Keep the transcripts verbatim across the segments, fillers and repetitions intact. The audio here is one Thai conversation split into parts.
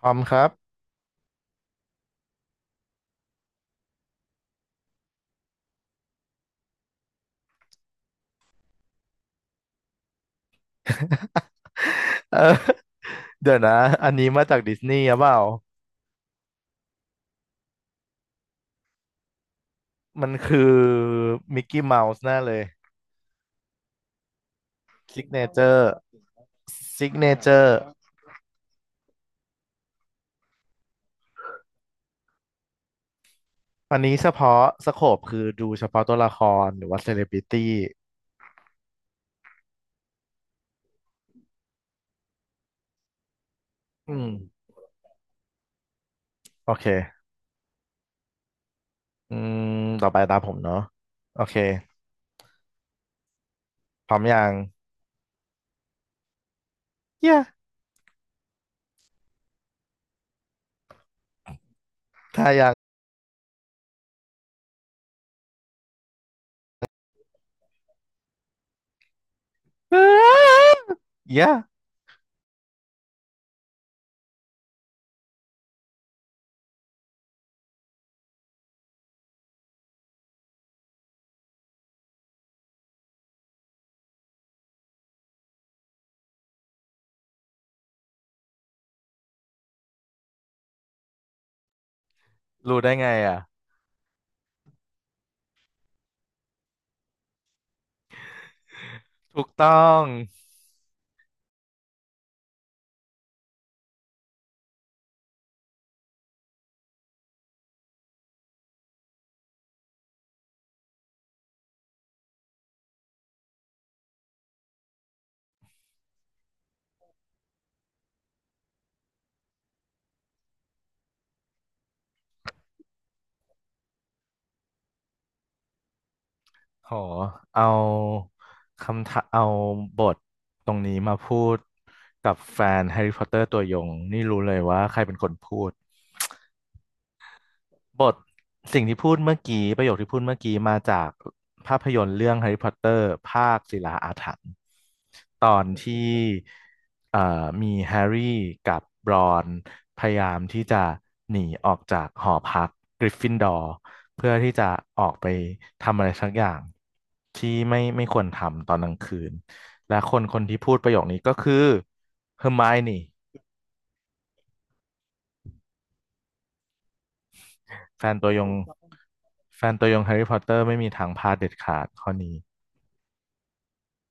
ทอมครับเออ เดี๋ยวนะ อันนี้มาจากดิสนีย์หรือเปล่า มันคือมิกกี้เมาส์แน่เลยซิกเนเจอร์ซิกเนเจอร์อันนี้เฉพาะสโคปคือดูเฉพาะตัวละครหรือว่าเซเลบริตี้อืมโอเคอืมต่อไปตามผมเนาะโอเคพร้อมยังเย้ถ้ายังเย้ รู้ได้ไงอ่ะถูกต้อง โหเอาคำถาเอาบทตรงนี้มาพูดกับแฟนแฮร์รี่พอตเตอร์ตัวยงนี่รู้เลยว่าใครเป็นคนพูด บทสิ่งที่พูดเมื่อกี้ประโยคที่พูดเมื่อกี้มาจากภาพยนตร์เรื่องแฮร์รี่พอตเตอร์ภาคศิลาอาถรรพ์ตอนที่เอ่อมีแฮร์รี่กับบรอนพยายามที่จะหนีออกจากหอพักกริฟฟินดอร์เพื่อที่จะออกไปทำอะไรสักอย่างที่ไม่ไม่ควรทำตอนกลางคืนและคนคนที่พูดประโยคนี้ก็คือเฮอร์ไมโอนี่แฟนตัวยงแฟนตัวยงแฮร์รี่พอตเตอร์ไม่มีทางพลาดเด็ดขาดข้อนี้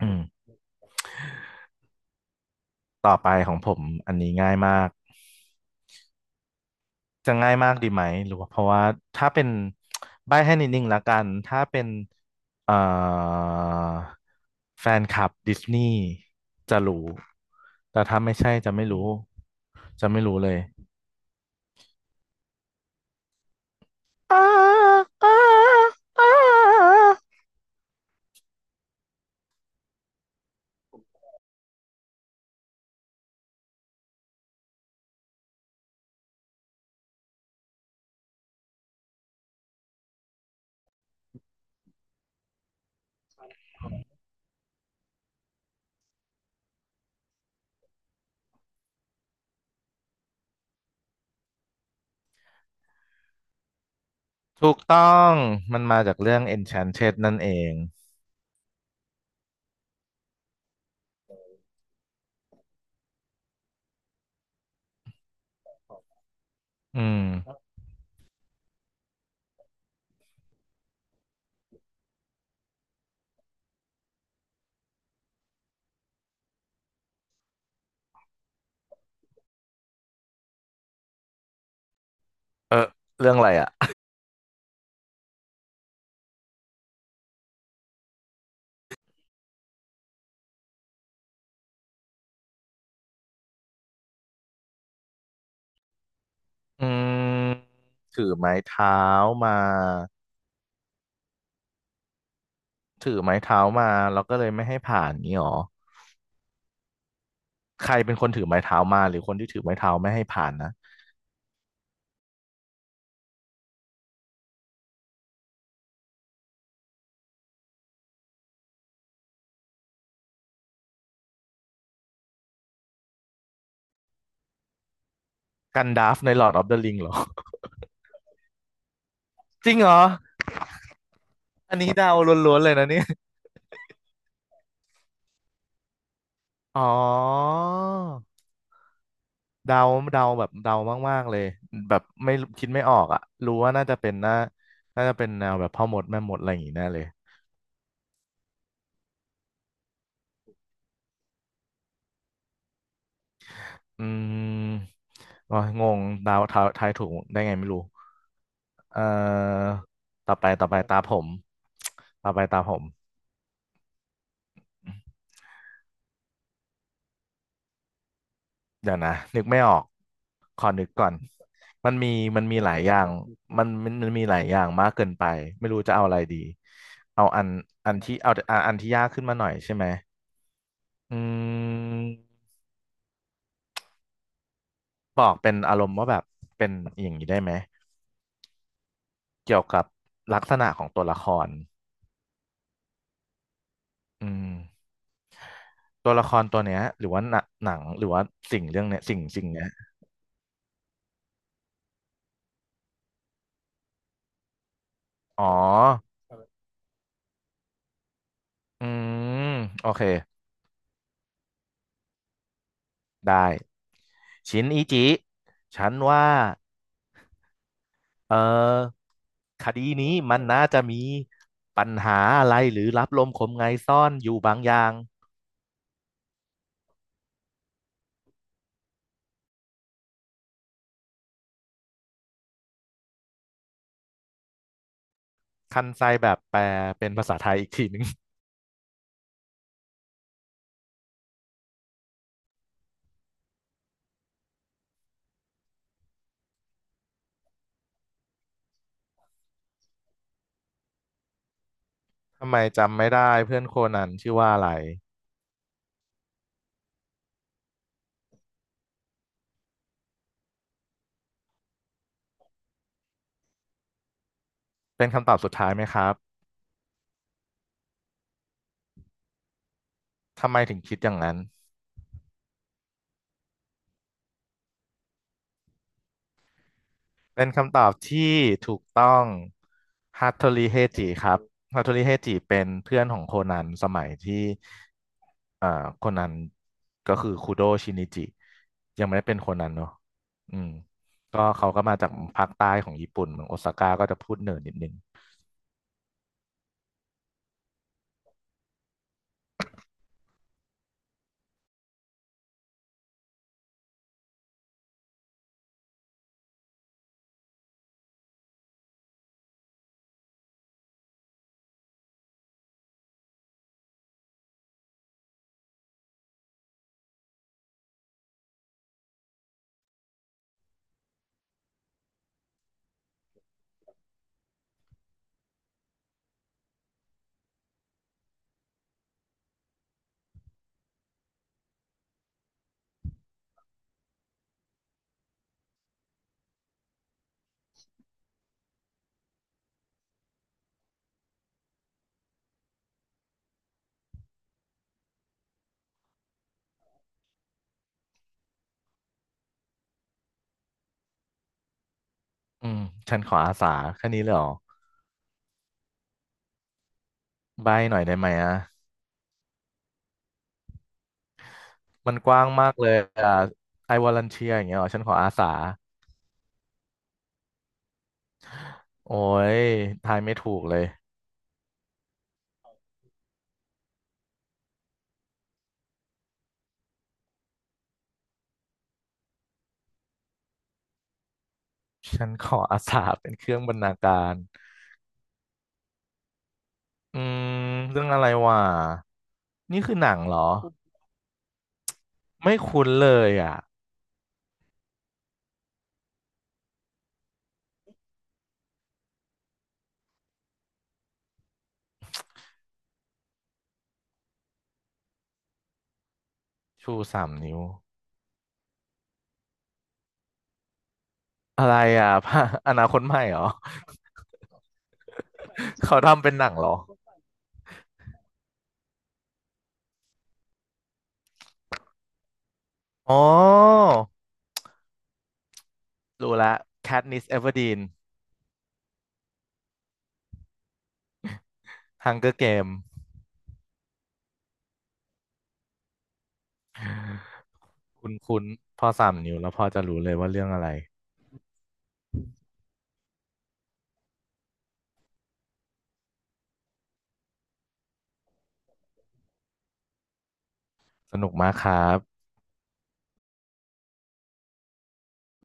อืมต่อไปของผมอันนี้ง่ายมากจะง่ายมากดีไหมหรือว่าเพราะว่าถ้าเป็นใบ้ให้นิดนึงละกันถ้าเป็นเอ่อแฟนคลับดิสนีย์จะรู้แต่ถ้าไม่ใช่จะไม่รู้จะไม่รู้เลยอ้าอ้าอ้าถูกต้องมันมาจากเรื่อง เอนชานเต็ด นั่นเองอืมเออเรื่องอะไรอ่ะอืมถือไม้เท้ามา ถือไม้เท้ามาแล้วก็เลยไม่ให้ผ่านนี้หรอใครเป็นคนถือไม้เท้ามาหรือคนที่ถือไม้เท้าไม่ให้ผ่านนะกันดาฟใน ลอร์ด ออฟ เดอะ ริง เหรอ จริงเหรออันนี้เดาล้วนๆเลยนะเนี่ยอ๋อเดาเดาแบบเดามากๆเลยแบบไม่คิดไม่ออกอ่ะรู้ว่าน่าจะเป็นน่าน่าจะเป็นแนวแบบพ่อมดแม่มดอะไรอย่างงี้แน่เลยอืมอ๋องงเดาทายทายถูกได้ไงไม่รู้เอ่อต่อไปต่อไปตาผมต่อไปตาผม เดี๋ยวนะนึกไม่ออกขอนึกก่อนมันมีมันมีหลายอย่างมันมันมันมีหลายอย่างมากเกินไปไม่รู้จะเอาอะไรดีเอาอันอันที่เอาอันอันที่ยากขึ้นมาหน่อยใช่ไหมอืมบอกเป็นอารมณ์ว่าแบบเป็นอย่างนี้ได้ไหมเกี่ยวกับลักษณะของตัวละครอืมตัวละครตัวเนี้ยหรือว่าหนัหนังหรือว่าสิ่งเรื่องเนี้ยสิ่งสิ่งเนี้ยอ๋ออืมโอเคได้ชินอิจิฉันว่า เออคดีนี้มันน่าจะมีปัญหาอะไรหรือรับลมคมไงซ่อนอยู่บางอย่างคันไซแบบแปลเป็นภาษาไทยอีกทีหนึง ทำไมจำไม่ได้เพื่อนโคนันชื่อว่าอะไรเป็นคำตอบสุดท้ายไหมครับทำไมถึงคิดอย่างนั้น เป็นคำตอบที่ถูกต้องฮัตโทริเฮจิครับฮัตโทริเฮจิเป็นเพื่อนของโคนันสมัยที่เอ่อโคนันก็คือคุโดชินิจิยังไม่ได้เป็นโคนันเนาะอืมก็เขาก็มาจากภาคใต้ของญี่ปุ่นเมืองโอซาก้าก็จะพูดเหนือนิดนึงอืมฉันขออาสาแค่นี้เลยเหรอใบหน่อยได้ไหมอ่ะมันกว้างมากเลยอ่ะ ไอ วอลันเทียร์ อย่างเงี้ยเหรอฉันขออาสาโอ้ยทายไม่ถูกเลย ฉันขออาสาเป็นเครื่องบรรณาการอืมเรื่องอะไรวะนี่คือหนังเหรอ ไม่คุ้นเลยอ่ะ ชูสามนิ้ว อะไรอ่ะพระ อนาคตใหม่เหรอ เขาทำเป็นหนังเหรออ๋อรู้ละ แคตนิส เอเวอร์ดีน ฮังเกอร์ เกม คุ้นคุ้นพอสามนิ้วแล้วพอจะรู้เลยว่าเรื่องอะไร สนุกมากครับ